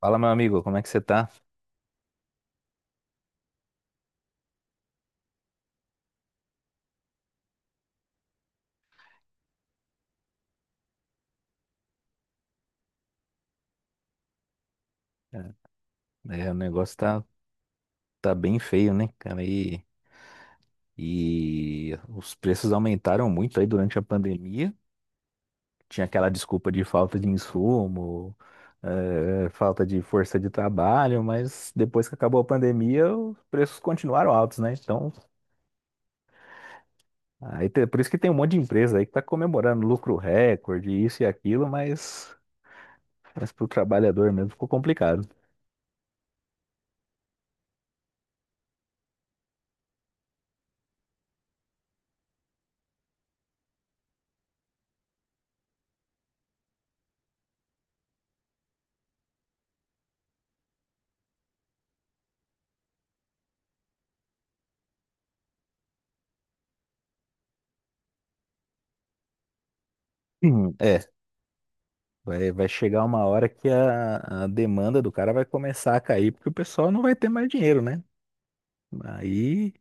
Fala, meu amigo, como é que você tá? É, o negócio tá bem feio, né, cara? E os preços aumentaram muito aí durante a pandemia. Tinha aquela desculpa de falta de insumo, falta de força de trabalho, mas depois que acabou a pandemia, os preços continuaram altos, né? Então, por isso que tem um monte de empresa aí que tá comemorando lucro recorde, isso e aquilo, mas pro trabalhador mesmo ficou complicado. É. Vai chegar uma hora que a demanda do cara vai começar a cair, porque o pessoal não vai ter mais dinheiro, né? Aí,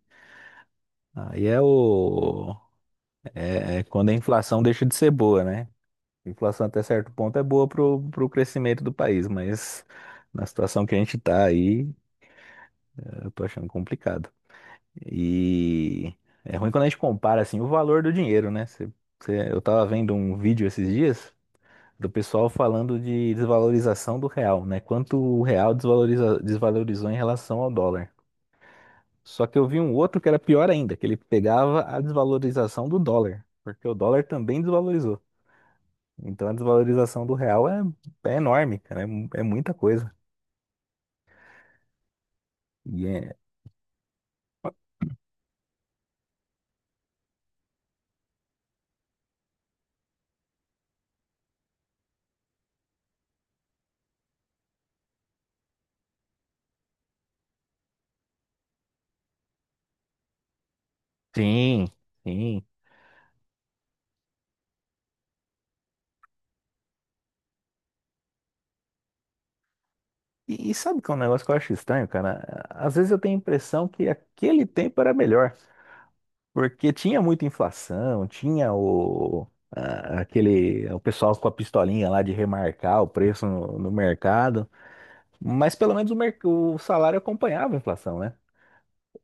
aí é quando a inflação deixa de ser boa, né? A inflação até certo ponto é boa pro crescimento do país, mas na situação que a gente tá aí, eu tô achando complicado. E é ruim quando a gente compara, assim, o valor do dinheiro, né? Eu tava vendo um vídeo esses dias do pessoal falando de desvalorização do real, né? Quanto o real desvalorizou em relação ao dólar. Só que eu vi um outro que era pior ainda, que ele pegava a desvalorização do dólar, porque o dólar também desvalorizou. Então a desvalorização do real é enorme, cara, é muita coisa. E é- Sim, sim. E sabe que é um negócio que eu acho estranho, cara? Às vezes eu tenho a impressão que aquele tempo era melhor. Porque tinha muita inflação, tinha o pessoal com a pistolinha lá de remarcar o preço no mercado, mas pelo menos o salário acompanhava a inflação, né?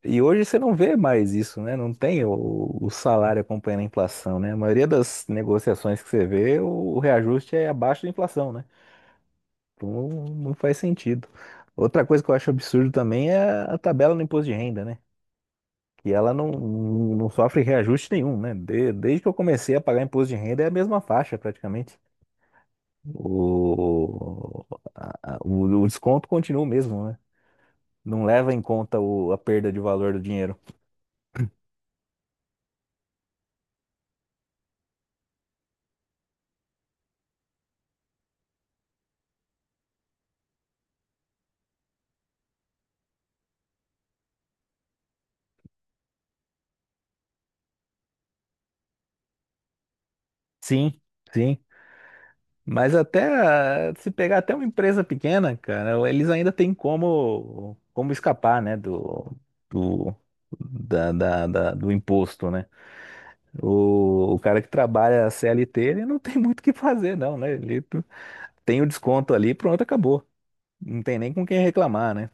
E hoje você não vê mais isso, né? Não tem o salário acompanhando a inflação, né? A maioria das negociações que você vê, o reajuste é abaixo da inflação, né? Então não faz sentido. Outra coisa que eu acho absurdo também é a tabela no imposto de renda, né? E ela não sofre reajuste nenhum, né? Desde que eu comecei a pagar imposto de renda é a mesma faixa praticamente. O, o desconto continua o mesmo, né? Não leva em conta a perda de valor do dinheiro. Sim, sim. Mas até se pegar até uma empresa pequena, cara, eles ainda têm como escapar, né? Do, do, da, da- da- do imposto, né? O cara que trabalha CLT, ele não tem muito o que fazer, não, né? Ele tem o desconto ali, pronto, acabou. Não tem nem com quem reclamar, né?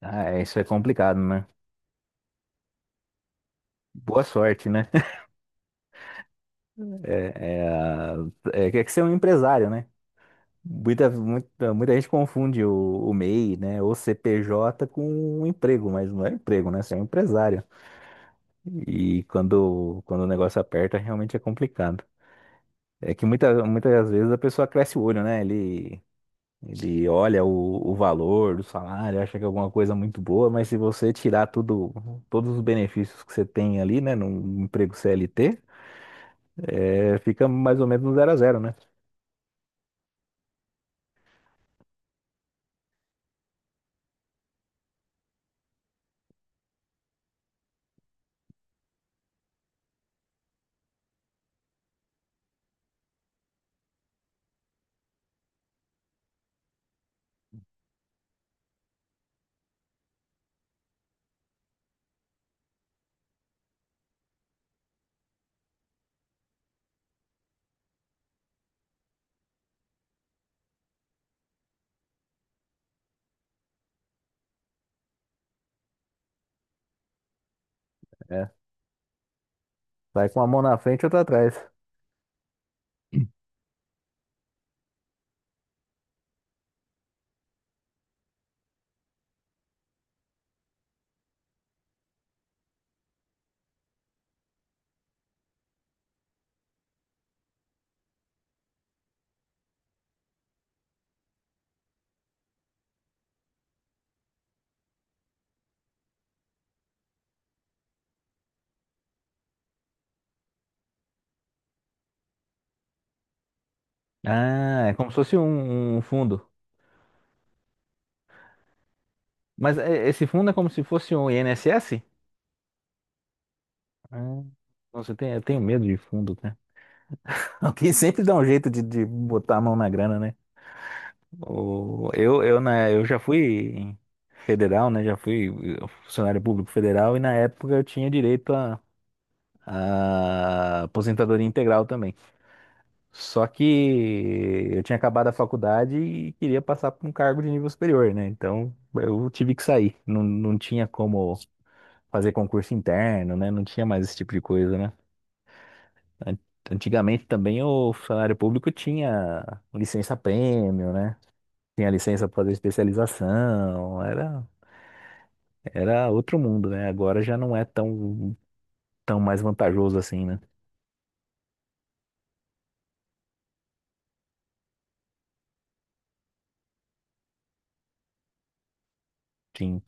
Ah, é, isso é complicado, né? Boa sorte, né? É, é, a- é que ser um empresário, né? Muita, muita, muita gente confunde o MEI, né? Ou CPJ com um emprego, mas não é emprego, né? Você é um empresário. E quando o negócio aperta, realmente é complicado. É que muitas vezes a pessoa cresce o olho, né? Ele olha o valor do salário, acha que é alguma coisa muito boa, mas se você tirar tudo, todos os benefícios que você tem ali, né, num emprego CLT, fica mais ou menos no zero a zero, né? É, vai com a mão na frente e outra atrás. Ah, é como se fosse um fundo. Mas é, esse fundo é como se fosse um INSS? Ah, nossa, eu tenho medo de fundo, né? Alguém sempre dá um jeito de botar a mão na grana, né? Né, eu já fui federal, né? Já fui funcionário público federal e na época eu tinha direito a aposentadoria integral também. Só que eu tinha acabado a faculdade e queria passar para um cargo de nível superior, né? Então eu tive que sair. Não, não tinha como fazer concurso interno, né? Não tinha mais esse tipo de coisa, né? An- Antigamente também o funcionário público tinha licença prêmio, né? Tinha licença para fazer especialização, era outro mundo, né? Agora já não é tão mais vantajoso assim, né? Sim.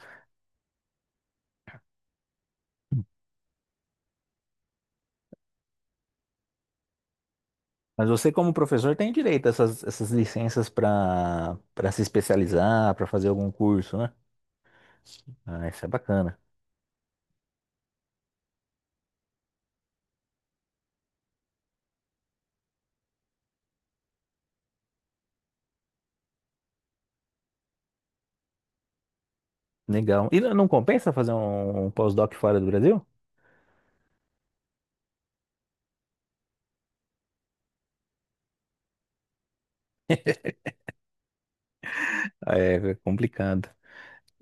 Mas você, como professor, tem direito a essas licenças para se especializar, para fazer algum curso, né? Ah, isso é bacana. Legal. E não não compensa fazer um pós-doc fora do Brasil? Ah, é é complicado.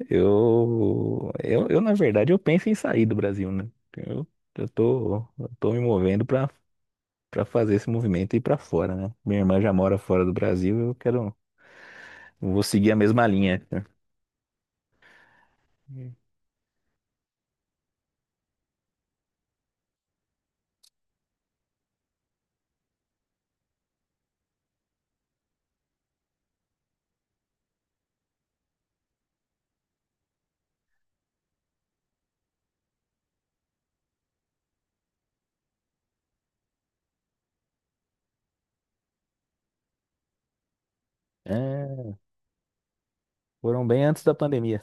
Eu, na verdade, eu penso em sair do Brasil, né? Eu, eu tô me movendo para fazer esse movimento e ir para fora, né? Minha irmã já mora fora do Brasil, eu quero vou seguir a mesma linha. É, foram bem antes da pandemia.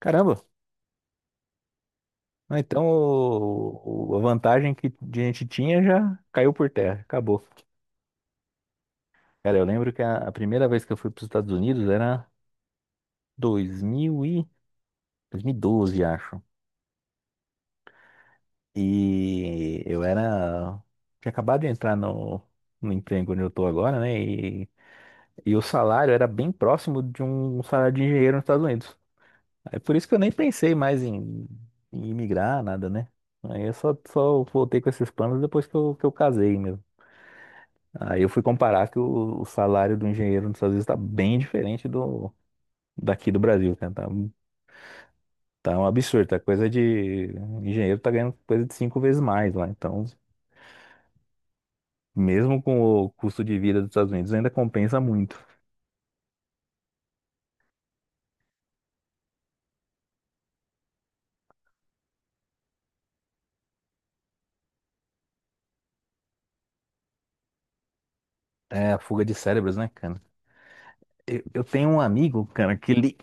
Caramba! Ah, então, a vantagem que a gente tinha já caiu por terra, acabou. Cara, eu lembro que a primeira vez que eu fui para os Estados Unidos era 2000 e, 2012, acho. E eu era. Tinha acabado de entrar no emprego onde eu tô agora, né? E o salário era bem próximo de um salário de engenheiro nos Estados Unidos. É por isso que eu nem pensei mais em imigrar, nada, né? Aí eu só voltei com esses planos depois que que eu casei mesmo. Aí eu fui comparar que o salário do engenheiro nos Estados Unidos tá bem diferente do daqui do Brasil, cara. Tá um absurdo, tá coisa de... O engenheiro tá ganhando coisa de 5 vezes mais lá, então... Mesmo com o custo de vida dos Estados Unidos, ainda compensa muito. É a fuga de cérebros, né, cara? Eu tenho um amigo, cara, que ele,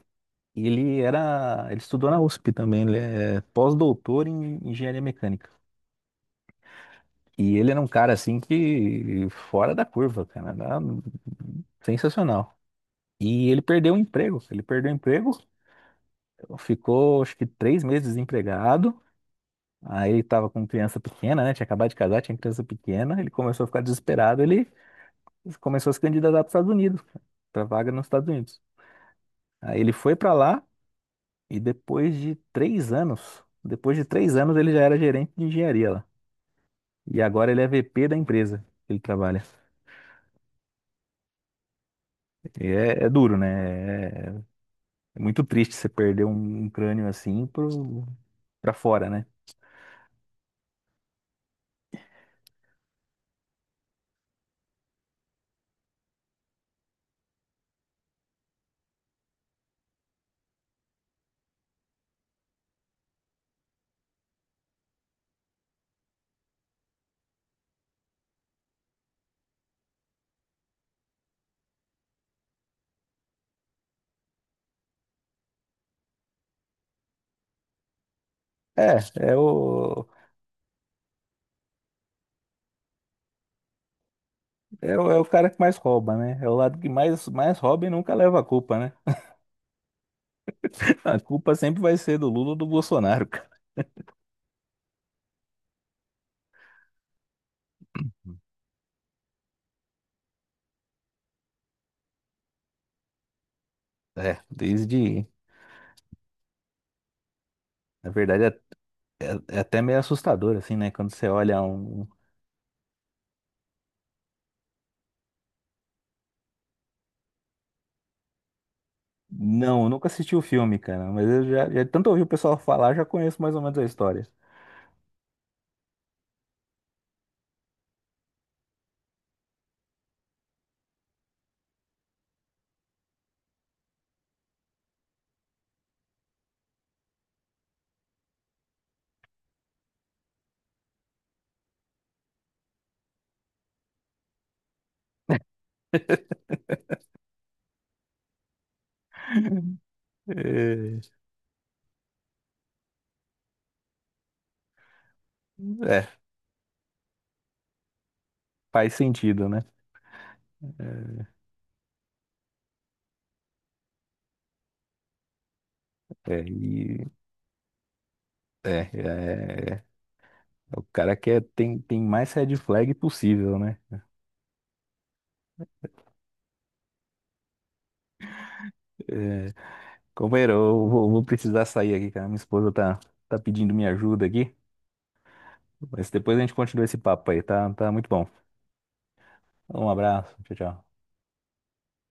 E ele era, ele estudou na USP também, ele é pós-doutor em engenharia mecânica. E ele era um cara assim que fora da curva, cara, era sensacional. Ele perdeu o emprego, ficou acho que 3 meses desempregado. Aí ele tava com criança pequena, né? Tinha acabado de casar, tinha criança pequena. Ele começou a ficar desesperado, ele começou a se candidatar para os Estados Unidos, para vaga nos Estados Unidos. Aí ele foi para lá, e depois de três anos ele já era gerente de engenharia lá. E agora ele é VP da empresa que ele trabalha. E é duro, né? É, é muito triste você perder um crânio assim pra fora, né? É, é o, é o cara que mais rouba, né? É o lado que mais rouba e nunca leva a culpa, né? A culpa sempre vai ser do Lula ou do Bolsonaro, cara. É, desde, na verdade, é até meio assustador, assim, né? Quando você olha um. Não, eu nunca assisti o filme, cara, mas eu já tanto ouvi o pessoal falar, já conheço mais ou menos a história. É, é, faz sentido, né? É, é, e é, o cara quer tem, mais red flag possível, né? É, companheiro, eu vou precisar sair aqui, cara. Minha esposa tá pedindo minha ajuda aqui, mas depois a gente continua esse papo aí, tá? Tá muito bom. Um abraço, tchau, tchau.